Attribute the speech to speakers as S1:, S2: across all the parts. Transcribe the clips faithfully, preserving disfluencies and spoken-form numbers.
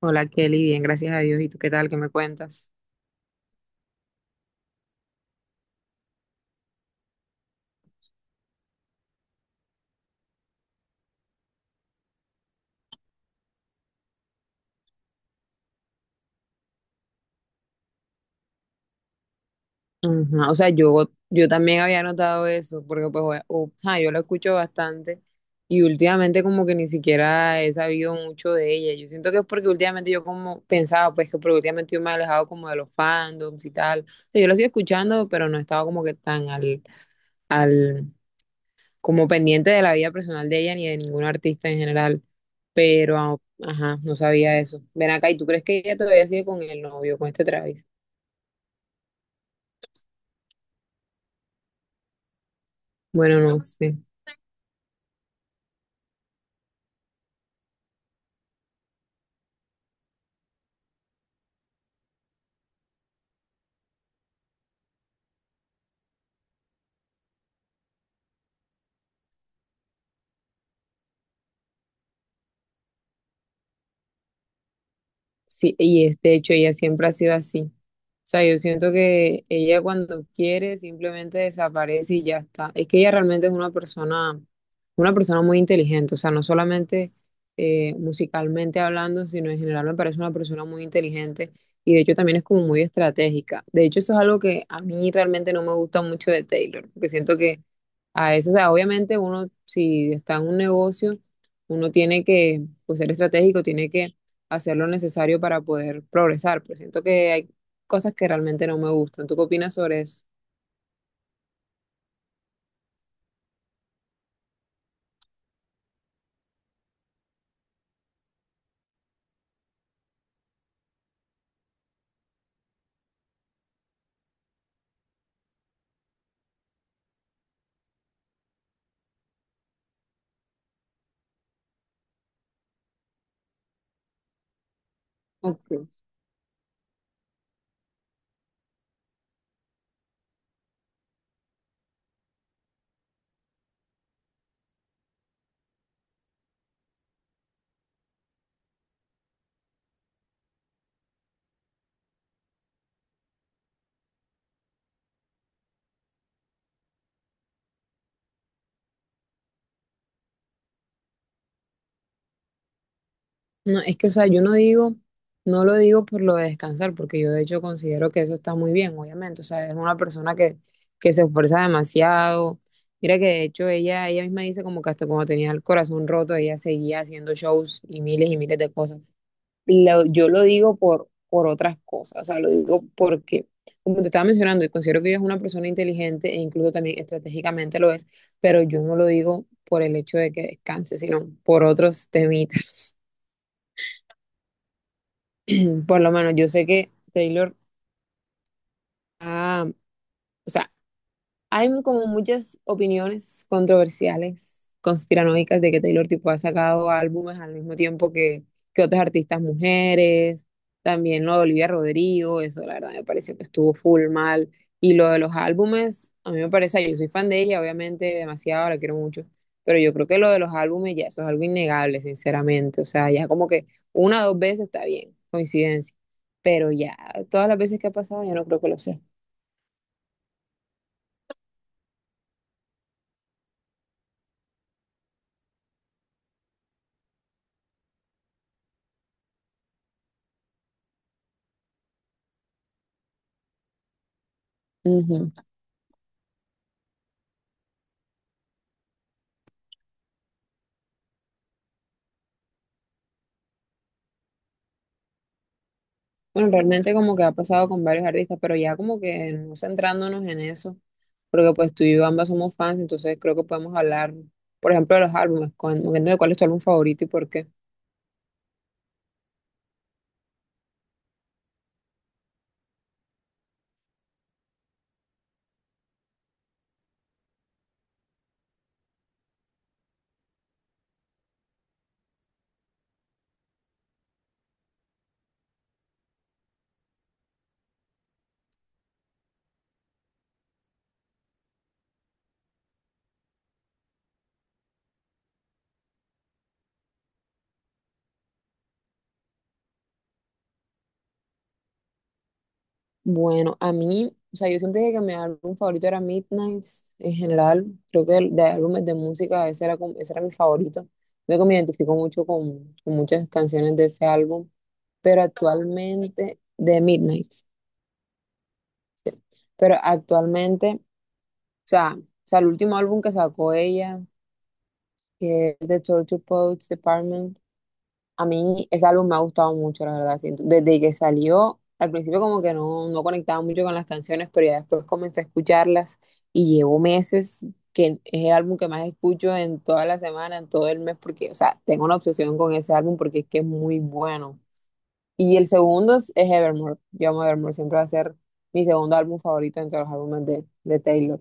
S1: Hola Kelly, bien, gracias a Dios. ¿Y tú qué tal? ¿Qué me cuentas? Ajá, o sea, yo, yo también había notado eso, porque pues, o- o sea, yo la escucho bastante y últimamente como que ni siquiera he sabido mucho de ella. Yo siento que es porque últimamente yo como pensaba, pues que porque últimamente yo me he alejado como de los fandoms y tal. O sea, yo lo sigo escuchando, pero no estaba como que tan al, al, como pendiente de la vida personal de ella ni de ningún artista en general. Pero, ah, ajá, no sabía eso. Ven acá, ¿y tú crees que ella todavía sigue con el novio, con este Travis? Bueno, no sé. Sí, y es, de hecho ella siempre ha sido así. O sea, yo siento que ella cuando quiere simplemente desaparece y ya está. Es que ella realmente es una persona, una persona muy inteligente. O sea, no solamente eh, musicalmente hablando, sino en general me parece una persona muy inteligente y de hecho también es como muy estratégica. De hecho, eso es algo que a mí realmente no me gusta mucho de Taylor, porque siento que a eso. O sea, obviamente uno, si está en un negocio, uno tiene que pues, ser estratégico, tiene que hacer lo necesario para poder progresar, pero siento que hay cosas que realmente no me gustan. ¿Tú qué opinas sobre eso? Ok. No, es que, o sea, yo no digo, no lo digo por lo de descansar, porque yo de hecho considero que eso está muy bien, obviamente. O sea, es una persona que, que se esfuerza demasiado. Mira que de hecho ella, ella misma dice como que hasta cuando tenía el corazón roto, ella seguía haciendo shows y miles y miles de cosas. Lo- yo lo digo por, por otras cosas, o sea, lo digo porque, como te estaba mencionando, considero que ella es una persona inteligente e incluso también estratégicamente lo es, pero yo no lo digo por el hecho de que descanse, sino por otros temitas. Por lo menos yo sé que Taylor, ah, o sea, hay como muchas opiniones controversiales, conspiranoicas, de que Taylor tipo ha sacado álbumes al mismo tiempo que, que otras artistas mujeres, también lo de Olivia Rodrigo, eso la verdad me pareció que estuvo full mal. Y lo de los álbumes, a mí me parece, yo soy fan de ella, obviamente, demasiado, la quiero mucho, pero yo creo que lo de los álbumes ya eso es algo innegable, sinceramente. O sea, ya como que una o dos veces está bien, coincidencia, pero ya todas las veces que ha pasado, ya no creo que lo sea. Bueno, realmente como que ha pasado con varios artistas, pero ya como que no centrándonos en eso, porque pues tú y yo ambas somos fans, entonces creo que podemos hablar, por ejemplo, de los álbumes, cuán- de cuál es tu álbum favorito y por qué. Bueno, a mí, o sea, yo siempre dije que mi álbum favorito era Midnight, en general, creo que de, de álbumes de música ese era, como- ese era mi favorito. Creo que me identifico mucho con, con muchas canciones de ese álbum, pero actualmente, de Midnight, sí. Pero actualmente... O sea, o sea, el último álbum que sacó ella, que es The Torture Poets Department, a mí ese álbum me ha gustado mucho, la verdad. Siento, desde que salió, al principio como que no, no conectaba mucho con las canciones, pero ya después comencé a escucharlas y llevo meses que es el álbum que más escucho en toda la semana, en todo el mes, porque, o sea, tengo una obsesión con ese álbum porque es que es muy bueno. Y el segundo es es Evermore. Yo amo Evermore, siempre va a ser mi segundo álbum favorito entre los álbumes de, de Taylor.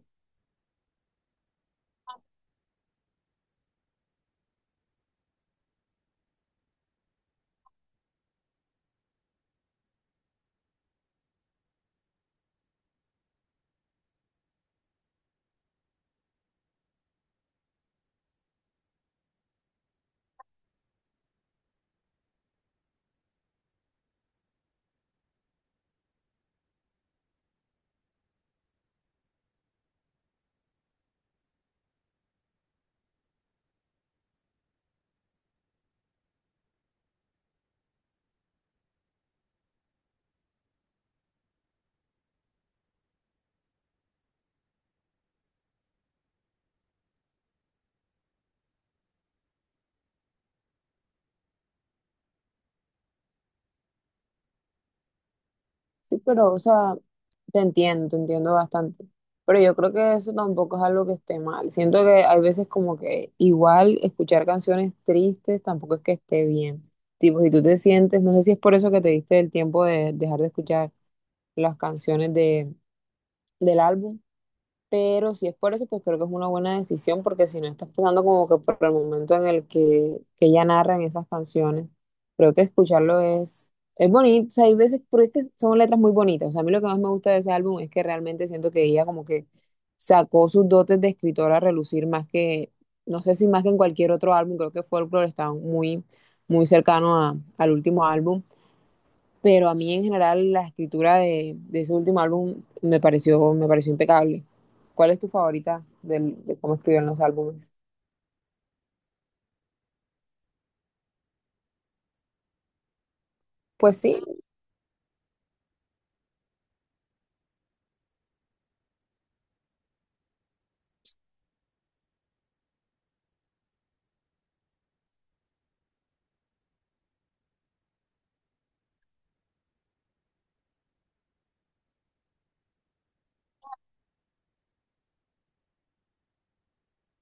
S1: Sí, pero, o sea, te entiendo, te entiendo bastante. Pero yo creo que eso tampoco es algo que esté mal. Siento que hay veces como que igual escuchar canciones tristes tampoco es que esté bien. Tipo, si tú te sientes, no sé si es por eso que te diste el tiempo de dejar de escuchar las canciones de, del álbum, pero si es por eso, pues creo que es una buena decisión, porque si no estás pasando como que por el momento en el que, que ella narra en esas canciones, creo que escucharlo es, es bonito. O sea, hay veces, porque es que son letras muy bonitas. O sea, a mí lo que más me gusta de ese álbum es que realmente siento que ella como que sacó sus dotes de escritora a relucir más que, no sé si más que en cualquier otro álbum, creo que Folklore está muy, muy cercano a- al último álbum, pero a mí en general la escritura de, de ese último álbum me pareció, me pareció impecable. ¿Cuál es tu favorita del- de cómo escribieron los álbumes? Pues sí,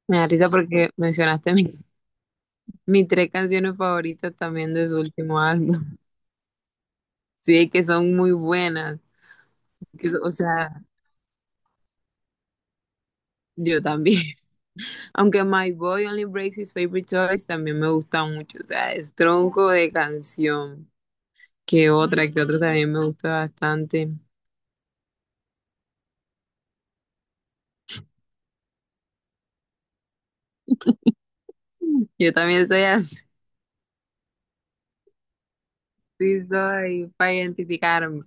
S1: me da risa porque mencionaste mi- mis tres canciones favoritas también de su último álbum. Sí, que son muy buenas. Que so- o sea, yo también. Aunque My Boy Only Breaks His Favorite Toys también me gusta mucho. O sea, es tronco de canción. Que otra, que otra también me gusta bastante. Yo también soy así. Sí, soy para identificarme.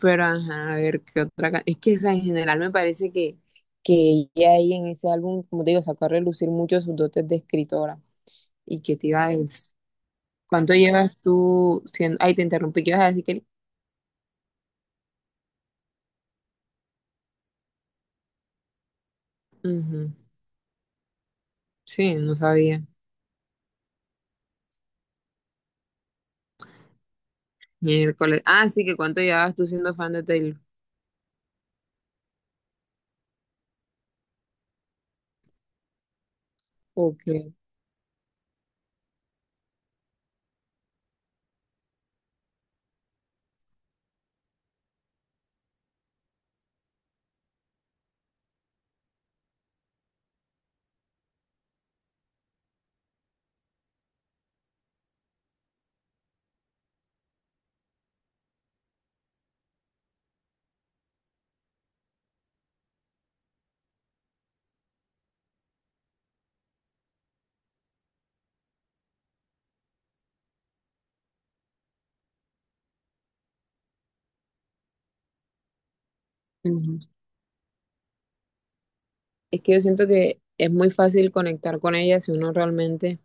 S1: Pero ajá, a ver qué otra. ca- Es que o sea, en general me parece que, que ella ahí en ese álbum, como te digo, sacó a relucir mucho sus dotes de escritora. Y que te iba a decir, ¿cuánto llevas tú siendo? Ay, te interrumpí, ¿qué ibas a decir que... Ujú. Sí, no sabía. Miércoles. Ah, sí, que cuánto llevabas tú siendo fan de Taylor. Ok. Es que yo siento que es muy fácil conectar con ella si uno realmente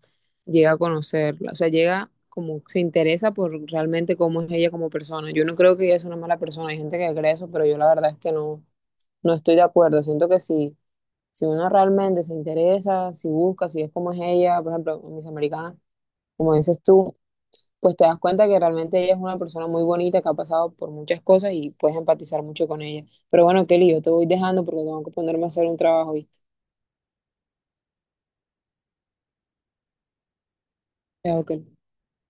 S1: llega a conocerla, o sea, llega como se interesa por realmente cómo es ella como persona. Yo no creo que ella es una mala persona, hay gente que cree eso, pero yo la verdad es que no, no estoy de acuerdo. Siento que si, si uno realmente se interesa, si busca, si es como es ella, por ejemplo, Miss Americana, como dices tú, pues te das cuenta que realmente ella es una persona muy bonita que ha pasado por muchas cosas y puedes empatizar mucho con ella. Pero bueno, Kelly, yo te voy dejando porque tengo que ponerme a hacer un trabajo, ¿viste? Chao, Kelly.